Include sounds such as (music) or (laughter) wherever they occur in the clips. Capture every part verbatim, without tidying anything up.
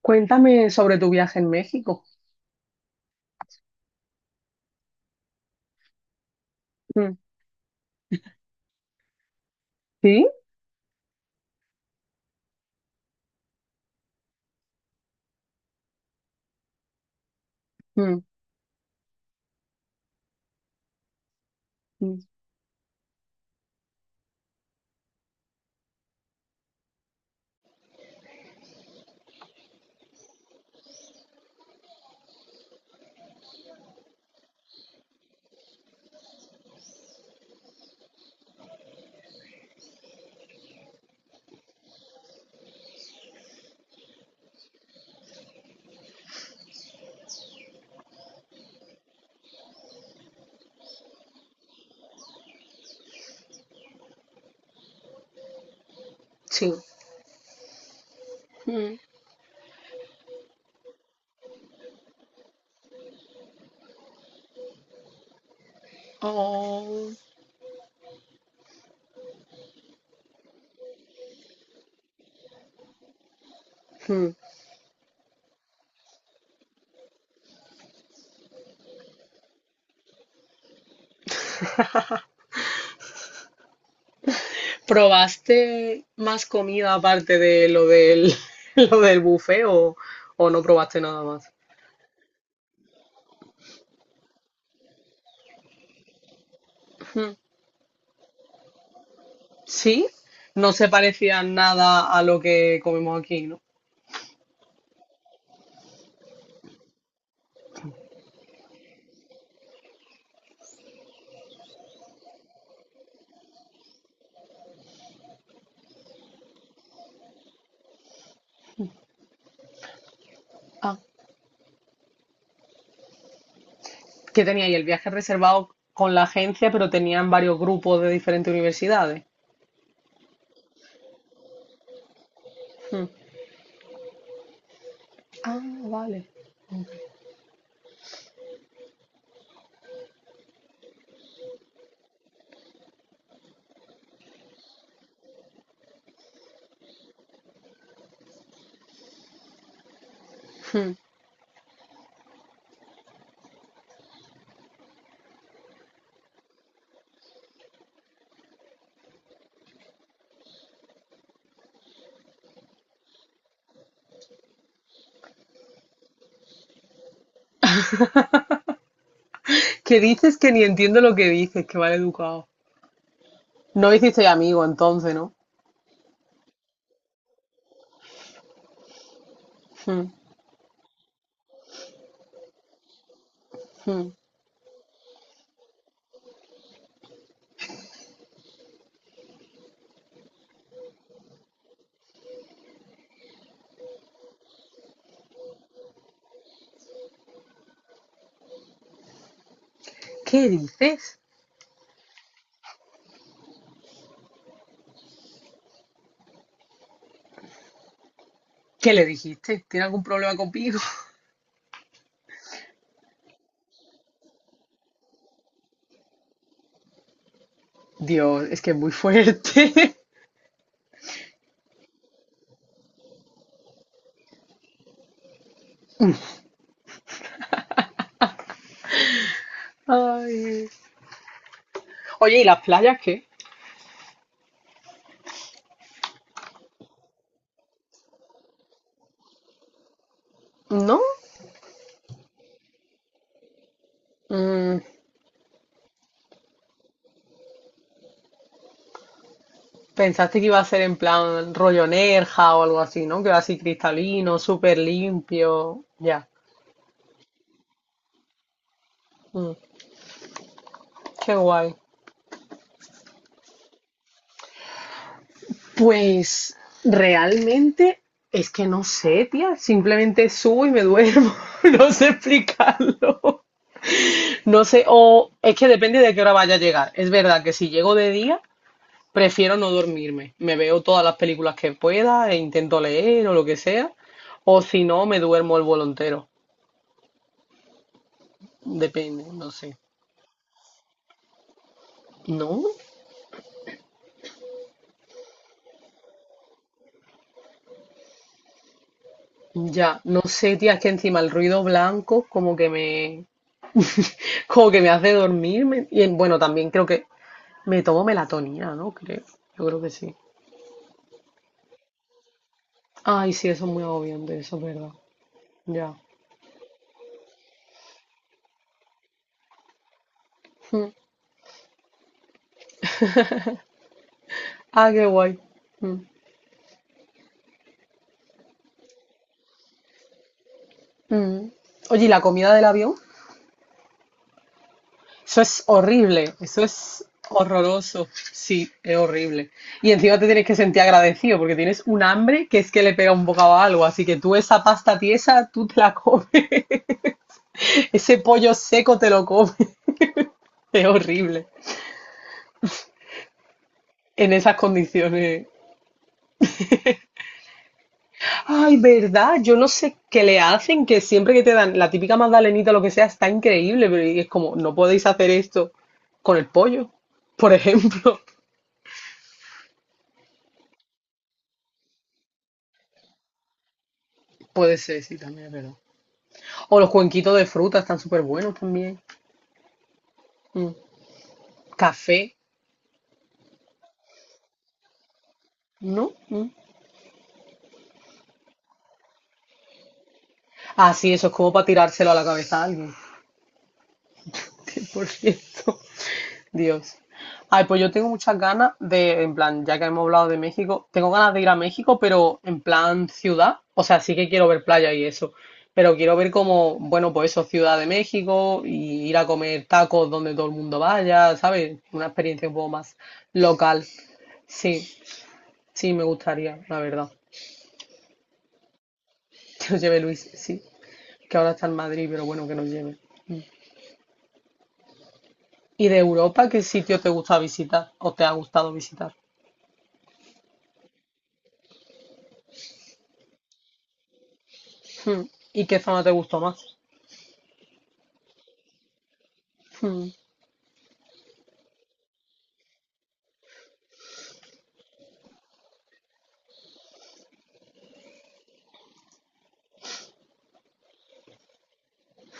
Cuéntame sobre tu viaje en México. Mm. ¿Sí? Mm. Mm. Sí. Mm. Oh. Mm. ¿Probaste más comida aparte de lo del, (laughs) lo del buffet o, o no probaste nada más? Mm. Sí. No se parecía nada a lo que comemos aquí, ¿no? Ah. ¿Qué tenía ahí el viaje reservado con la agencia, pero tenían varios grupos de diferentes universidades. Mm. Ah, vale. Mm. Que dices que ni entiendo lo que dices, que mal educado. No hiciste amigo entonces, ¿no? Mm. Mm. ¿Qué dices? ¿Qué le dijiste? ¿Tiene algún problema conmigo? (laughs) Dios, es que es muy fuerte. (laughs) Ay. Oye, ¿y las playas qué? ¿No? Mm, pensaste que iba a ser en plan rollo Nerja o algo así, ¿no? Que va así cristalino, súper limpio. Ya. Mm, qué guay. Pues realmente es que no sé, tía. Simplemente subo y me duermo. (laughs) No sé explicarlo. No sé, o es que depende de qué hora vaya a llegar. Es verdad que si llego de día, prefiero no dormirme. Me veo todas las películas que pueda e intento leer o lo que sea. O si no, me duermo el vuelo entero. Depende, no sé. ¿No? Ya, no sé, tía, es que encima el ruido blanco como que me, como que me hace dormirme. Y bueno, también creo que me tomo melatonina, ¿no? Creo, yo creo que sí. Ay, sí, eso es muy agobiante, eso es verdad. Ya. (laughs) Mm. Ah, qué guay. Mm. Mm. Oye, ¿y la comida del avión? Eso es horrible, eso es horroroso. Sí, es horrible. Y encima te tienes que sentir agradecido porque tienes un hambre que es que le pega un bocado a algo. Así que tú esa pasta tiesa, tú te la comes. (laughs) Ese pollo seco te lo comes. (laughs) Es horrible. En esas condiciones. Ay, verdad, yo no sé qué le hacen, que siempre que te dan la típica magdalenita o lo que sea, está increíble, pero y es como, no podéis hacer esto con el pollo, por ejemplo. (laughs) Puede ser, sí, también es verdad. O los cuenquitos de fruta están súper buenos también. Mm. Café, ¿no? Mm. Ah, sí, eso es como para tirárselo a la cabeza a alguien. (laughs) Por cierto, Dios. Ay, pues yo tengo muchas ganas de, en plan, ya que hemos hablado de México, tengo ganas de ir a México, pero en plan ciudad. O sea, sí que quiero ver playa y eso. Pero quiero ver como, bueno, pues eso, Ciudad de México y ir a comer tacos donde todo el mundo vaya, ¿sabes? Una experiencia un poco más local. Sí, sí, me gustaría, la verdad. (laughs) Que nos lleve Luis, sí. Que ahora está en Madrid, pero bueno, que nos lleve. ¿Y de Europa qué sitio te gusta visitar o te ha gustado visitar? Hmm. ¿Y qué zona te gustó más? Hmm.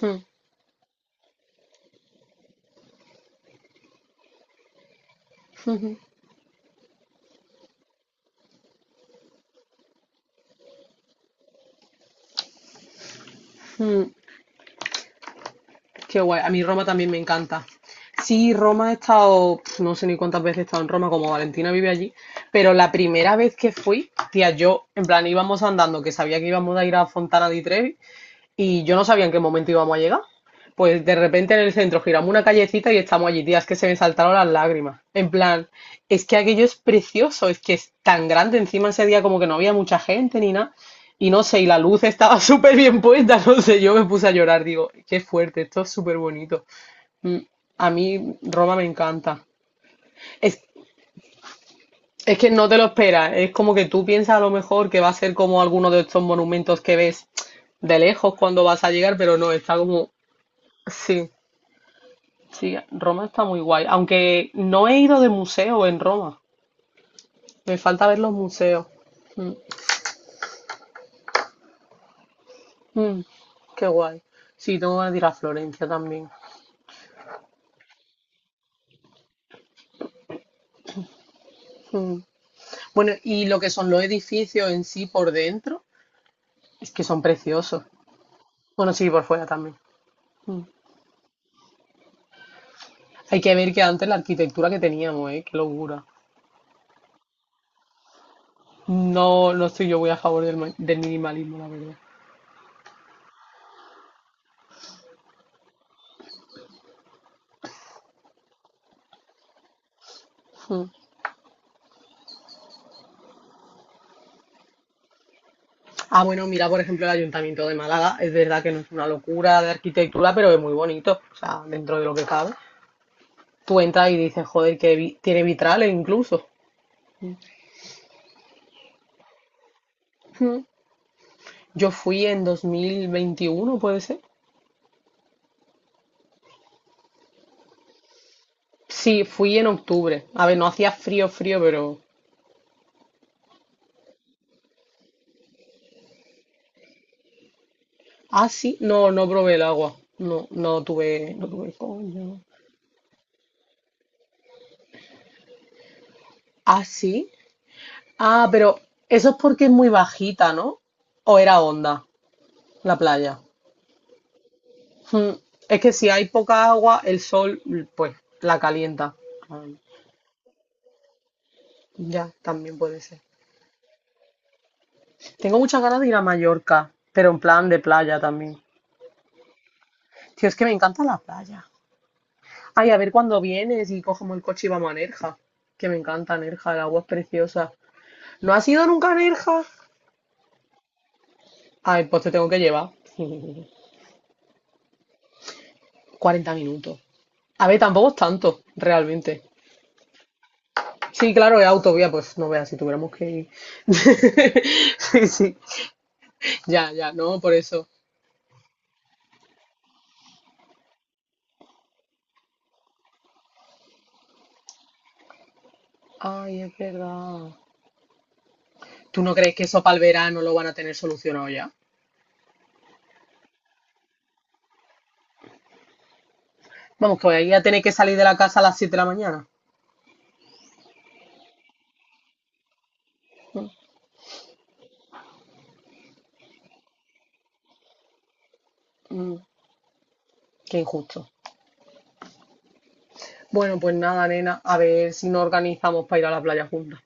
Hmm. Hmm. Hmm. Qué guay. A mí Roma también me encanta. Sí, Roma he estado, pf, no sé ni cuántas veces he estado en Roma, como Valentina vive allí, pero la primera vez que fui, tía, yo, en plan, íbamos andando, que sabía que íbamos a ir a Fontana di Trevi, y yo no sabía en qué momento íbamos a llegar. Pues de repente en el centro giramos una callecita y estamos allí, tía, es que se me saltaron las lágrimas. En plan, es que aquello es precioso, es que es tan grande encima ese día como que no había mucha gente ni nada. Y no sé, y la luz estaba (laughs) súper bien puesta, no sé, yo me puse a llorar, digo, qué fuerte, esto es súper bonito. Mm. A mí Roma me encanta. Es, es que no te lo esperas, es como que tú piensas a lo mejor que va a ser como alguno de estos monumentos que ves de lejos cuando vas a llegar, pero no, está como sí, sí, Roma está muy guay. Aunque no he ido de museo en Roma. Me falta ver los museos. Mm. Mm, qué guay. Sí, tengo que ir a Florencia también. Mm. Bueno, y lo que son los edificios en sí por dentro, es que son preciosos. Bueno, sí, por fuera también. Mm. Hay que ver que antes la arquitectura que teníamos, ¿eh? Qué locura. No, no estoy yo muy a favor del, ma- del minimalismo, la verdad. Mm. Ah, bueno, mira, por ejemplo, el Ayuntamiento de Málaga, es verdad que no es una locura de arquitectura, pero es muy bonito, o sea, dentro de lo que cabe. Tú entras y dices, joder, que vi- tiene vitrales incluso. Mm. Yo fui en dos mil veintiuno, ¿puede ser? Sí, fui en octubre. A ver, no hacía frío, frío, pero... Ah, sí, no, no probé el agua. No, no tuve, no tuve coño. Ah, sí. Ah, pero eso es porque es muy bajita, ¿no? ¿O era onda la playa? Mm. Es que si hay poca agua, el sol mm, pues la calienta. Ah. Ya, también puede ser. Tengo muchas ganas de ir a Mallorca, pero en plan de playa también. Tío, es que me encanta la playa. Ay, a ver cuándo vienes y cogemos el coche y vamos a Nerja. Que me encanta Nerja, el agua es preciosa. ¿No has ido nunca a Nerja? Ay, pues te tengo que llevar. (laughs) Cuarenta minutos. A ver, tampoco es tanto, realmente. Sí, claro, es autovía, pues no veas, si tuviéramos que ir. (laughs) Sí, sí. Ya, ya, no, por eso. Ay, es verdad. ¿Tú no crees que eso para el verano lo van a tener solucionado ya? Vamos, que voy a ir tener que salir de la casa a las siete de la mañana. Mm, qué injusto. Bueno, pues nada, nena, a ver si nos organizamos para ir a la playa juntas.